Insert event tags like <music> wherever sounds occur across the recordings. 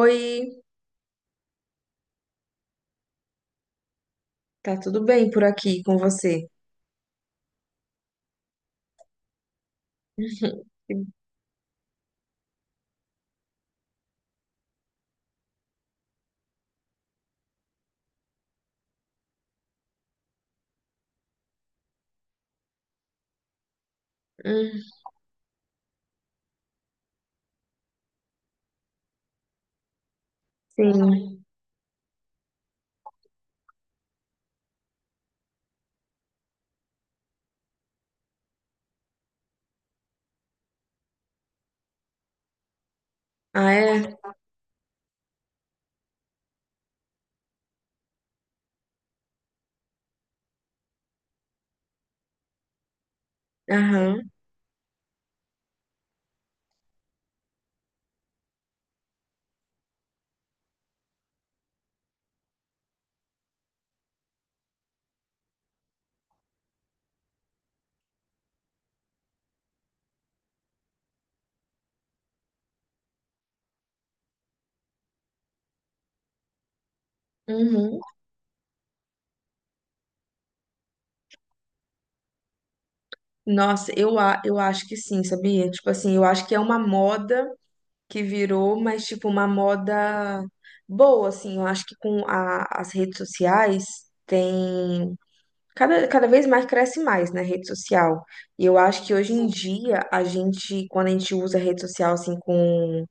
Oi, tá tudo bem por aqui com você? <laughs> Hum, sim. Ah, é? Aham. Uhum. Nossa, eu acho que sim, sabia? Tipo assim, eu acho que é uma moda que virou, mas tipo uma moda boa, assim. Eu acho que com as redes sociais tem cada vez mais cresce mais, né, rede social. E eu acho que hoje em, sim, dia a gente, quando a gente usa a rede social assim com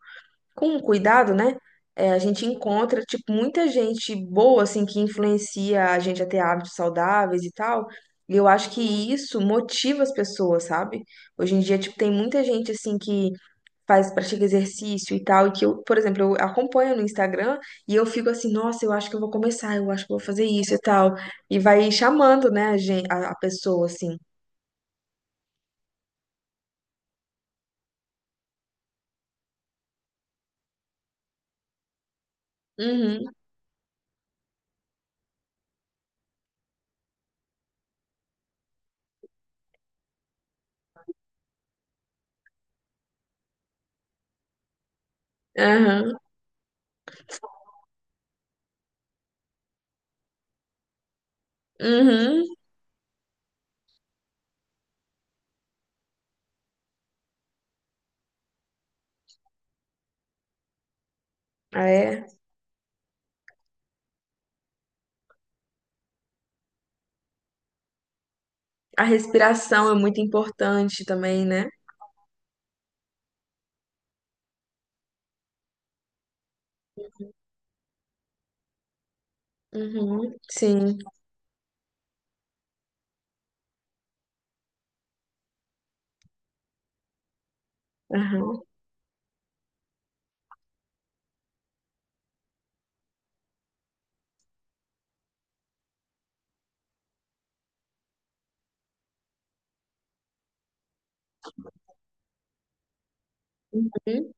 com cuidado, né? É, a gente encontra, tipo, muita gente boa, assim, que influencia a gente a ter hábitos saudáveis e tal. E eu acho que isso motiva as pessoas, sabe? Hoje em dia, tipo, tem muita gente, assim, que faz, pratica exercício e tal, e que eu, por exemplo, eu acompanho no Instagram e eu fico assim, nossa, eu acho que eu vou começar, eu acho que eu vou fazer isso e tal. E vai chamando, né, a gente, a pessoa, assim. Uhum, aham, uhum, é. A respiração é muito importante também, né? Uhum, sim, aham, uhum.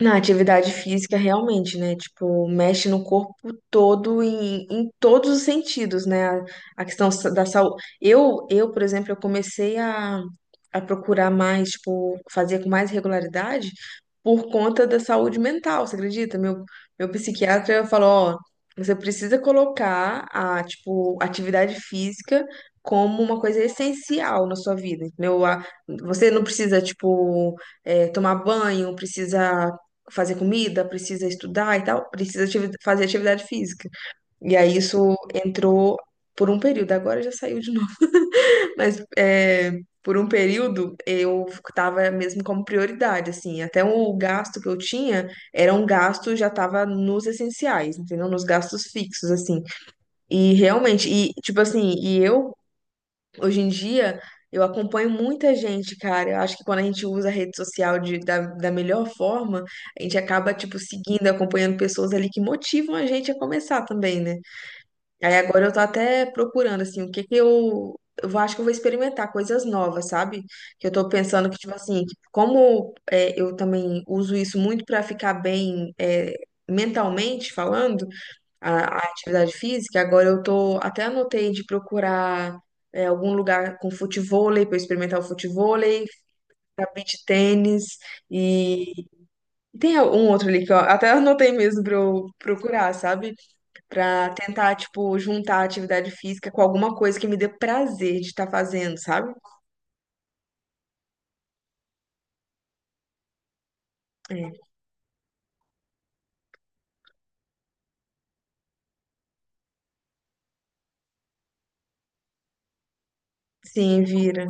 Na atividade física, realmente, né? Tipo, mexe no corpo todo em todos os sentidos, né? A questão da saúde. Eu, por exemplo, eu comecei a procurar mais, tipo, fazer com mais regularidade por conta da saúde mental, você acredita? Meu psiquiatra falou, ó, você precisa colocar a, tipo, atividade física como uma coisa essencial na sua vida, entendeu? Você não precisa, tipo, tomar banho, precisa fazer comida, precisa estudar e tal, precisa fazer atividade física. E aí isso entrou por um período, agora já saiu de novo, <laughs> mas é, por um período eu tava mesmo como prioridade, assim, até o gasto que eu tinha era um gasto, já tava nos essenciais, entendeu? Nos gastos fixos, assim. E realmente, e tipo assim, e eu Hoje em dia, eu acompanho muita gente, cara. Eu acho que quando a gente usa a rede social da melhor forma, a gente acaba, tipo, seguindo, acompanhando pessoas ali que motivam a gente a começar também, né? Aí agora eu tô até procurando, assim, o que que eu. Acho que eu vou experimentar coisas novas, sabe? Que eu tô pensando que, tipo assim, como é, eu também uso isso muito pra ficar bem é, mentalmente falando a atividade física, agora eu tô até anotei de procurar é, algum lugar com futevôlei para experimentar o futevôlei, ficar beach tênis e tem um outro ali que eu até anotei mesmo para eu procurar, sabe? Para tentar tipo juntar a atividade física com alguma coisa que me dê prazer de estar fazendo, sabe? É. Sim, vira.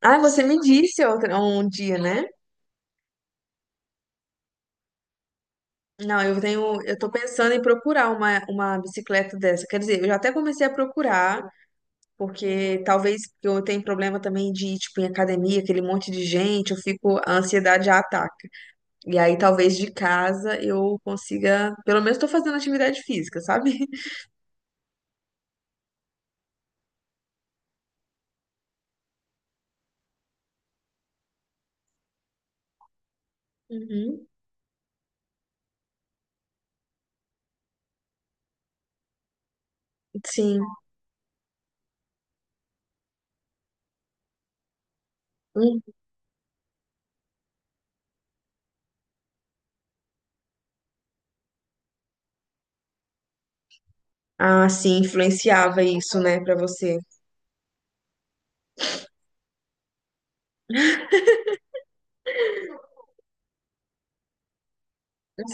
Ah, você me disse outra, um dia, né? Não, eu tenho, eu tô pensando em procurar uma bicicleta dessa. Quer dizer, eu já até comecei a procurar, porque talvez eu tenha problema também de ir, tipo, em academia, aquele monte de gente, eu fico, a ansiedade já ataca. E aí talvez de casa eu consiga, pelo menos estou fazendo atividade física, sabe? Uhum. <laughs> Sim. Hum. Ah, sim, influenciava isso, né, pra você.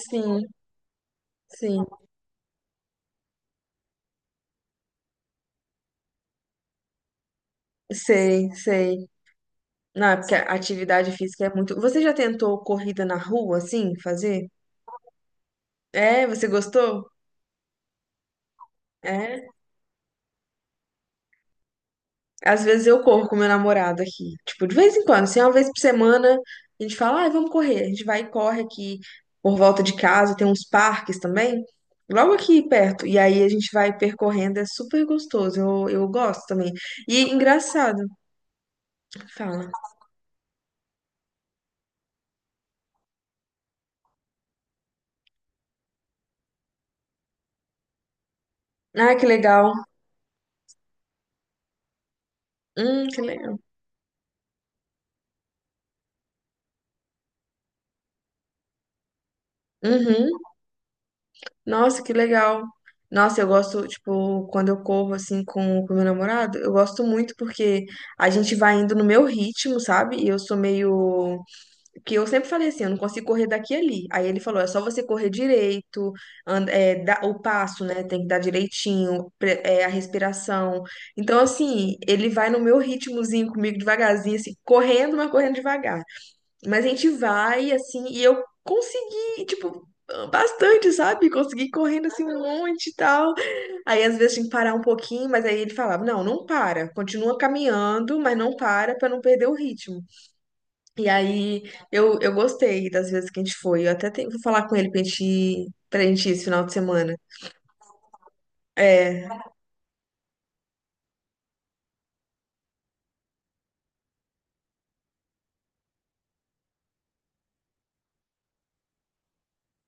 Sim, sim. Sei, sei. Não, é porque a atividade física é muito. Você já tentou corrida na rua, assim, fazer? É, você gostou? É. Às vezes eu corro com meu namorado aqui. Tipo, de vez em quando, assim, uma vez por semana, a gente fala, ai, vamos correr. A gente vai e corre aqui por volta de casa, tem uns parques também, logo aqui perto. E aí a gente vai percorrendo, é super gostoso. Eu gosto também. E engraçado, fala. Ah, que legal. Que legal. Uhum. Nossa, que legal. Nossa, eu gosto, tipo, quando eu corro assim com o meu namorado, eu gosto muito porque a gente vai indo no meu ritmo, sabe? E eu sou meio que eu sempre falei assim, eu não consigo correr daqui e ali. Aí ele falou, é só você correr direito, o passo, né? Tem que dar direitinho, a respiração. Então, assim, ele vai no meu ritmozinho comigo, devagarzinho, assim, correndo, mas correndo devagar. Mas a gente vai, assim, e eu consegui, tipo, bastante, sabe? Consegui correndo, assim, um monte e tal. Aí, às vezes, tinha que parar um pouquinho, mas aí ele falava, não, não para, continua caminhando, mas não para pra não perder o ritmo. E aí eu gostei das vezes que a gente foi. Eu até tenho, vou falar com ele pra gente, ir esse final de semana. É,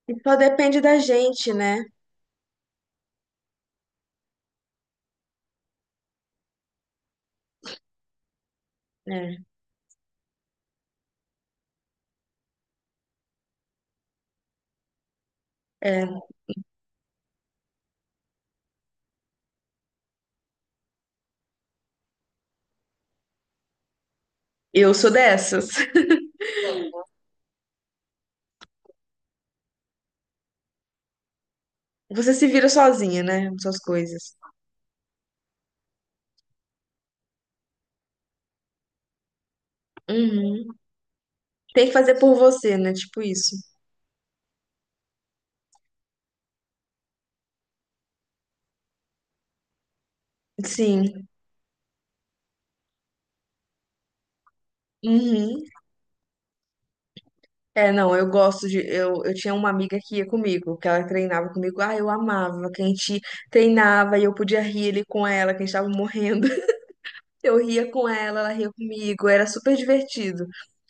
e só depende da gente, né? É, é. Eu sou dessas. <laughs> Você se vira sozinha, né? Com suas coisas. Uhum. Tem que fazer por você, né? Tipo isso. Sim. Uhum. É, não, eu gosto de. Eu tinha uma amiga que ia comigo, que ela treinava comigo. Ah, eu amava, que a gente treinava e eu podia rir ali com ela, que a gente tava morrendo. Eu ria com ela, ela ria comigo, era super divertido.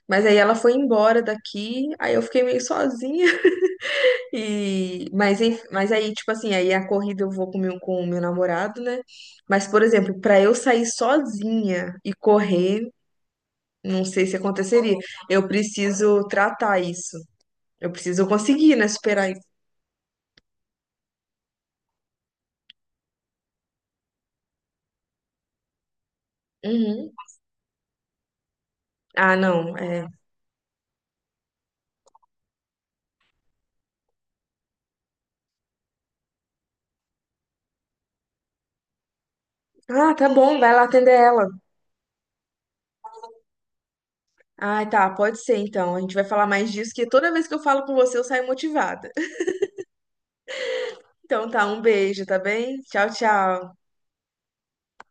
Mas aí ela foi embora daqui, aí eu fiquei meio sozinha. <laughs> Mas aí, tipo assim, aí a corrida eu vou com o meu, namorado, né? Mas, por exemplo, pra eu sair sozinha e correr, não sei se aconteceria. Eu preciso tratar isso. Eu preciso conseguir, né? Superar isso. Uhum. Ah, não, é. Ah, tá bom, vai lá atender ela. Ah, tá, pode ser então. A gente vai falar mais disso, que toda vez que eu falo com você, eu saio motivada. Então tá, um beijo, tá bem? Tchau, tchau.